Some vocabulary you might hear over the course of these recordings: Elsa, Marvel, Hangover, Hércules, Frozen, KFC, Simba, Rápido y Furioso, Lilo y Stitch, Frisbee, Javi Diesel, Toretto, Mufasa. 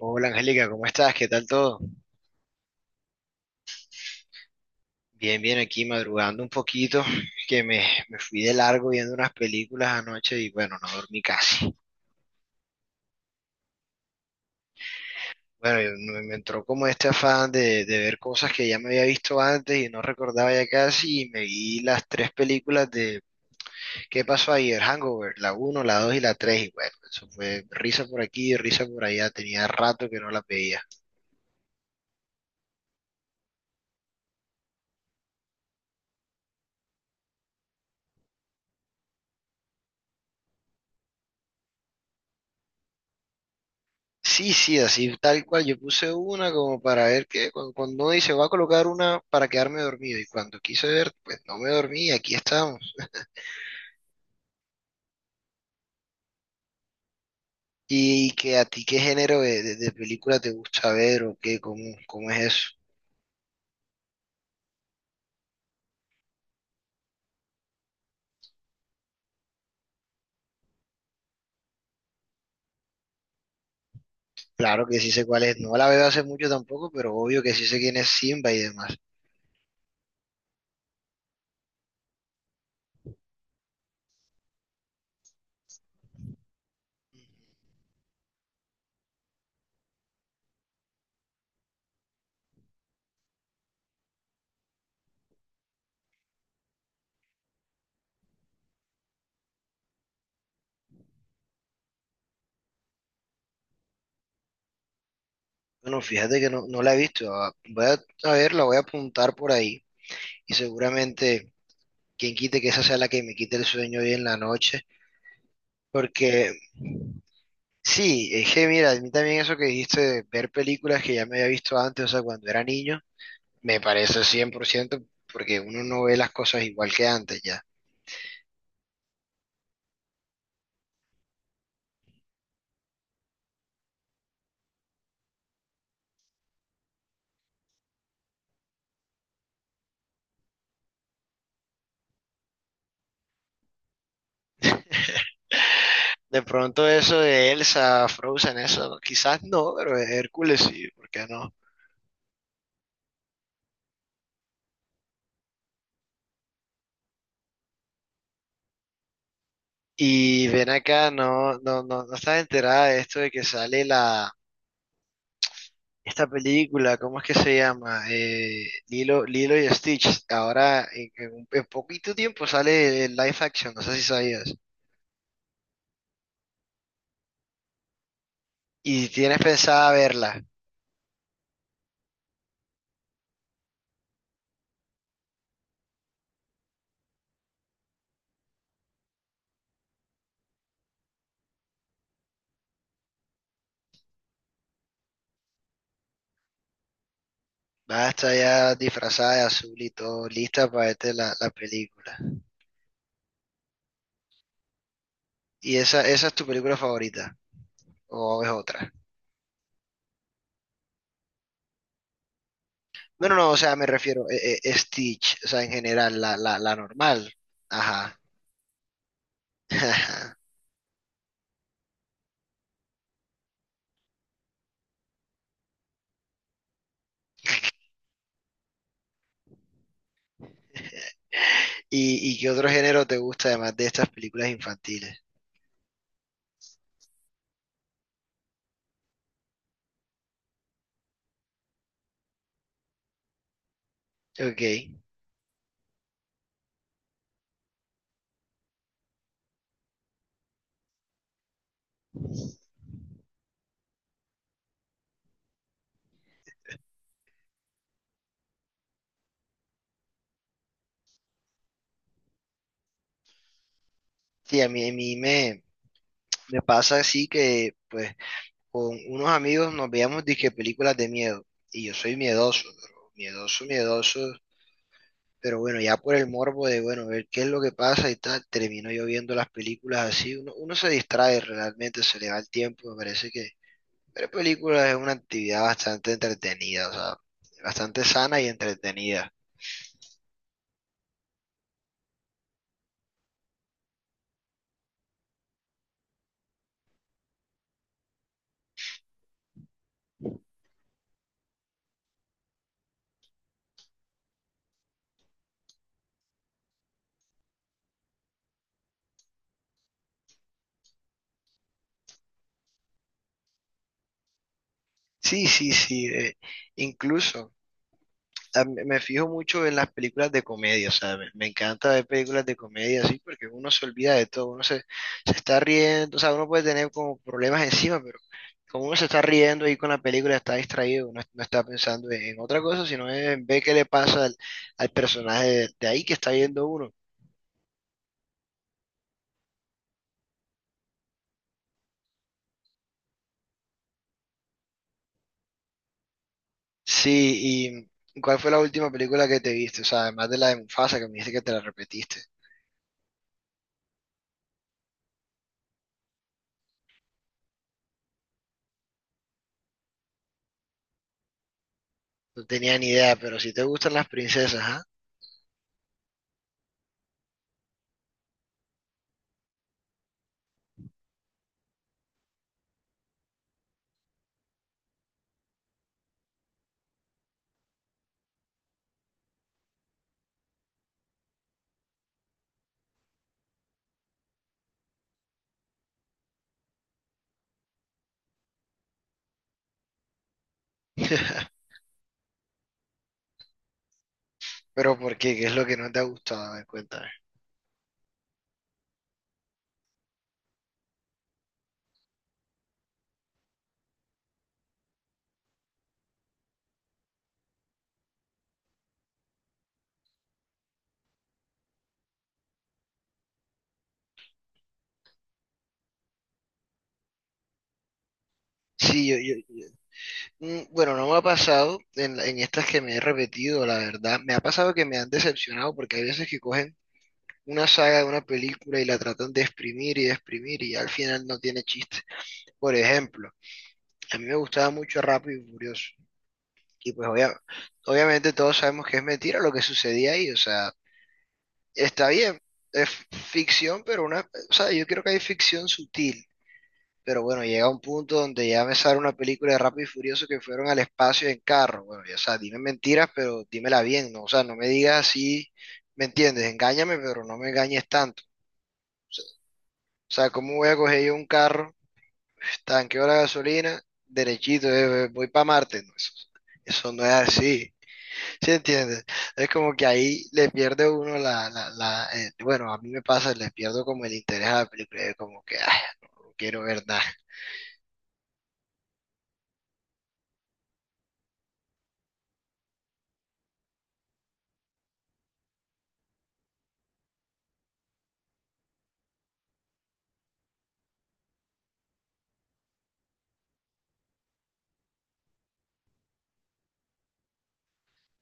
Hola Angélica, ¿cómo estás? ¿Qué tal todo? Bien, bien, aquí madrugando un poquito, que me, me fui de largo viendo unas películas anoche y bueno, no dormí casi. Bueno, me entró como este afán de ver cosas que ya me había visto antes y no recordaba ya casi y me vi las tres películas de ¿Qué pasó ayer? Hangover, la uno, la 2 y la 3 y bueno, eso fue risa por aquí, risa por allá, tenía rato que no las veía. Sí, sí, así tal cual. Yo puse una como para ver que cuando uno dice voy a colocar una para quedarme dormido y cuando quise ver, pues no me dormí y aquí estamos. ¿Y que a ti qué género de película te gusta ver o qué? ¿Cómo, cómo es eso? Claro que sí sé cuál es. No la veo hace mucho tampoco, pero obvio que sí sé quién es Simba y demás. Bueno, fíjate que no, no la he visto. Ah, voy a ver, la voy a apuntar por ahí y seguramente quien quite que esa sea la que me quite el sueño hoy en la noche. Porque sí, es que mira, a mí también eso que dijiste de ver películas que ya me había visto antes, o sea, cuando era niño, me parece 100% porque uno no ve las cosas igual que antes ya. De pronto eso de Elsa, Frozen, eso, quizás no, pero Hércules sí, ¿por qué no? Y ven acá, no, no, no, no estás enterada de esto de que sale esta película, ¿cómo es que se llama? Lilo, Lilo y Stitch. Ahora, en poquito tiempo sale el live action, no sé si sabías. Y tienes pensada verla. Va a estar ya disfrazada de azul y todo, lista para verte la película. ¿Y esa es tu película favorita? ¿O es otra? No, no, no, o sea, me refiero a Stitch, o sea, en general, la normal. Ajá. ¿Y, y qué otro género te gusta además de estas películas infantiles? Ok. Sí, a mí me pasa así que, pues, con unos amigos nos veíamos disque películas de miedo. Y yo soy miedoso, pero miedoso, miedoso. Pero bueno, ya por el morbo de, bueno, ver qué es lo que pasa y tal, termino yo viendo las películas así, uno se distrae realmente, se le va el tiempo, me parece que ver películas es una actividad bastante entretenida, o sea, bastante sana y entretenida. Sí, sí, sí, incluso me fijo mucho en las películas de comedia, o sea, me encanta ver películas de comedia así porque uno se olvida de todo, se está riendo, o sea, uno puede tener como problemas encima, pero como uno se está riendo ahí con la película, está distraído, no, no está pensando en otra cosa, sino en ver qué le pasa al personaje de ahí que está viendo uno. Sí, ¿y cuál fue la última película que te viste? O sea, además de la de Mufasa, que me dijiste que te la repetiste. No tenía ni idea, pero si te gustan las princesas, ¿ah? Pero ¿por qué? ¿Qué es lo que no te ha gustado? A ver, cuéntame. Sí, yo- bueno, no me ha pasado en estas que me he repetido, la verdad. Me ha pasado que me han decepcionado porque hay veces que cogen una saga de una película y la tratan de exprimir y al final no tiene chiste. Por ejemplo, a mí me gustaba mucho Rápido y Furioso. Y pues obviamente todos sabemos que es mentira lo que sucedía ahí. O sea, está bien, es ficción, pero o sea, yo creo que hay ficción sutil. Pero bueno, llega un punto donde ya me sale una película de Rápido y Furioso que fueron al espacio en carro. Bueno, ya, o sea, dime mentiras, pero dímela bien, ¿no? O sea, no me digas así, ¿me entiendes? Engáñame, pero no me engañes tanto. O sea, ¿cómo voy a coger yo un carro, tanqueo la gasolina, derechito, voy para Marte? No, eso no es así, ¿sí entiendes? Es como que ahí le pierde uno la, la, la bueno, a mí me pasa, le pierdo como el interés a la película, como que, ay, no quiero ver nada.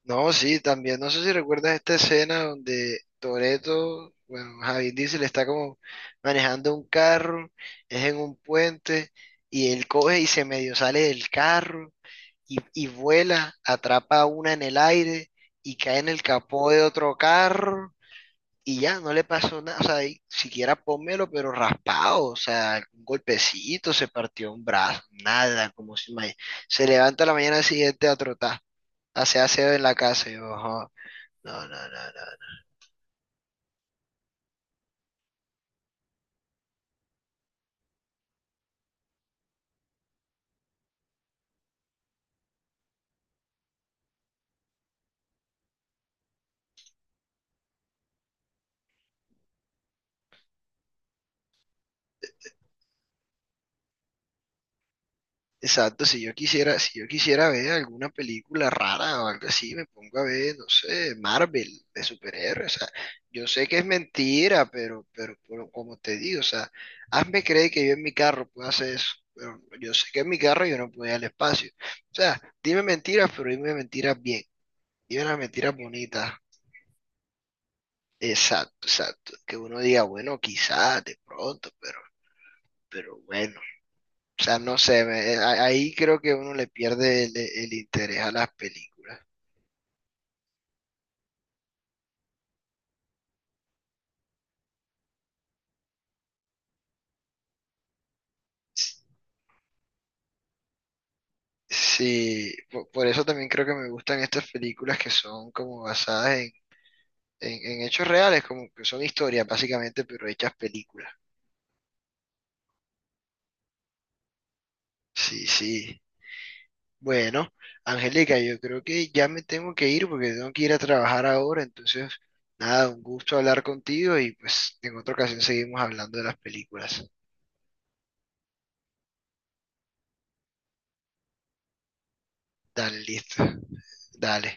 No, sí, también, no sé si recuerdas esta escena donde Toretto, bueno, Javi Diesel está como manejando un carro, es en un puente, y él coge y se medio sale del carro y vuela, atrapa a una en el aire y cae en el capó de otro carro y ya, no le pasó nada, o sea, y siquiera pónmelo, pero raspado, o sea, un golpecito, se partió un brazo, nada, como si ma- se levanta a la mañana siguiente a trotar, hace aseo en la casa, y yo, "Ajá, no, no, no, no." Exacto, si yo quisiera, si yo quisiera ver alguna película rara o algo así, me pongo a ver, no sé, Marvel de superhéroes. O sea, yo sé que es mentira, pero como te digo, o sea, hazme creer que yo en mi carro puedo hacer eso. Pero yo sé que en mi carro yo no puedo ir al espacio. O sea, dime mentiras, pero dime mentiras bien. Dime las mentiras bonitas. Exacto, exacto. Que uno diga, bueno, quizás, de pronto, pero bueno. O sea, no sé, ahí creo que uno le pierde el interés a las películas. S- Sí, eso también creo que me gustan estas películas que son como basadas en hechos reales, como que son historias básicamente, pero hechas películas. Sí, sí. Bueno, Angélica, yo creo que ya me tengo que ir porque tengo que ir a trabajar ahora, entonces, nada, un gusto hablar contigo y pues en otra ocasión seguimos hablando de las películas. Dale, listo. Dale.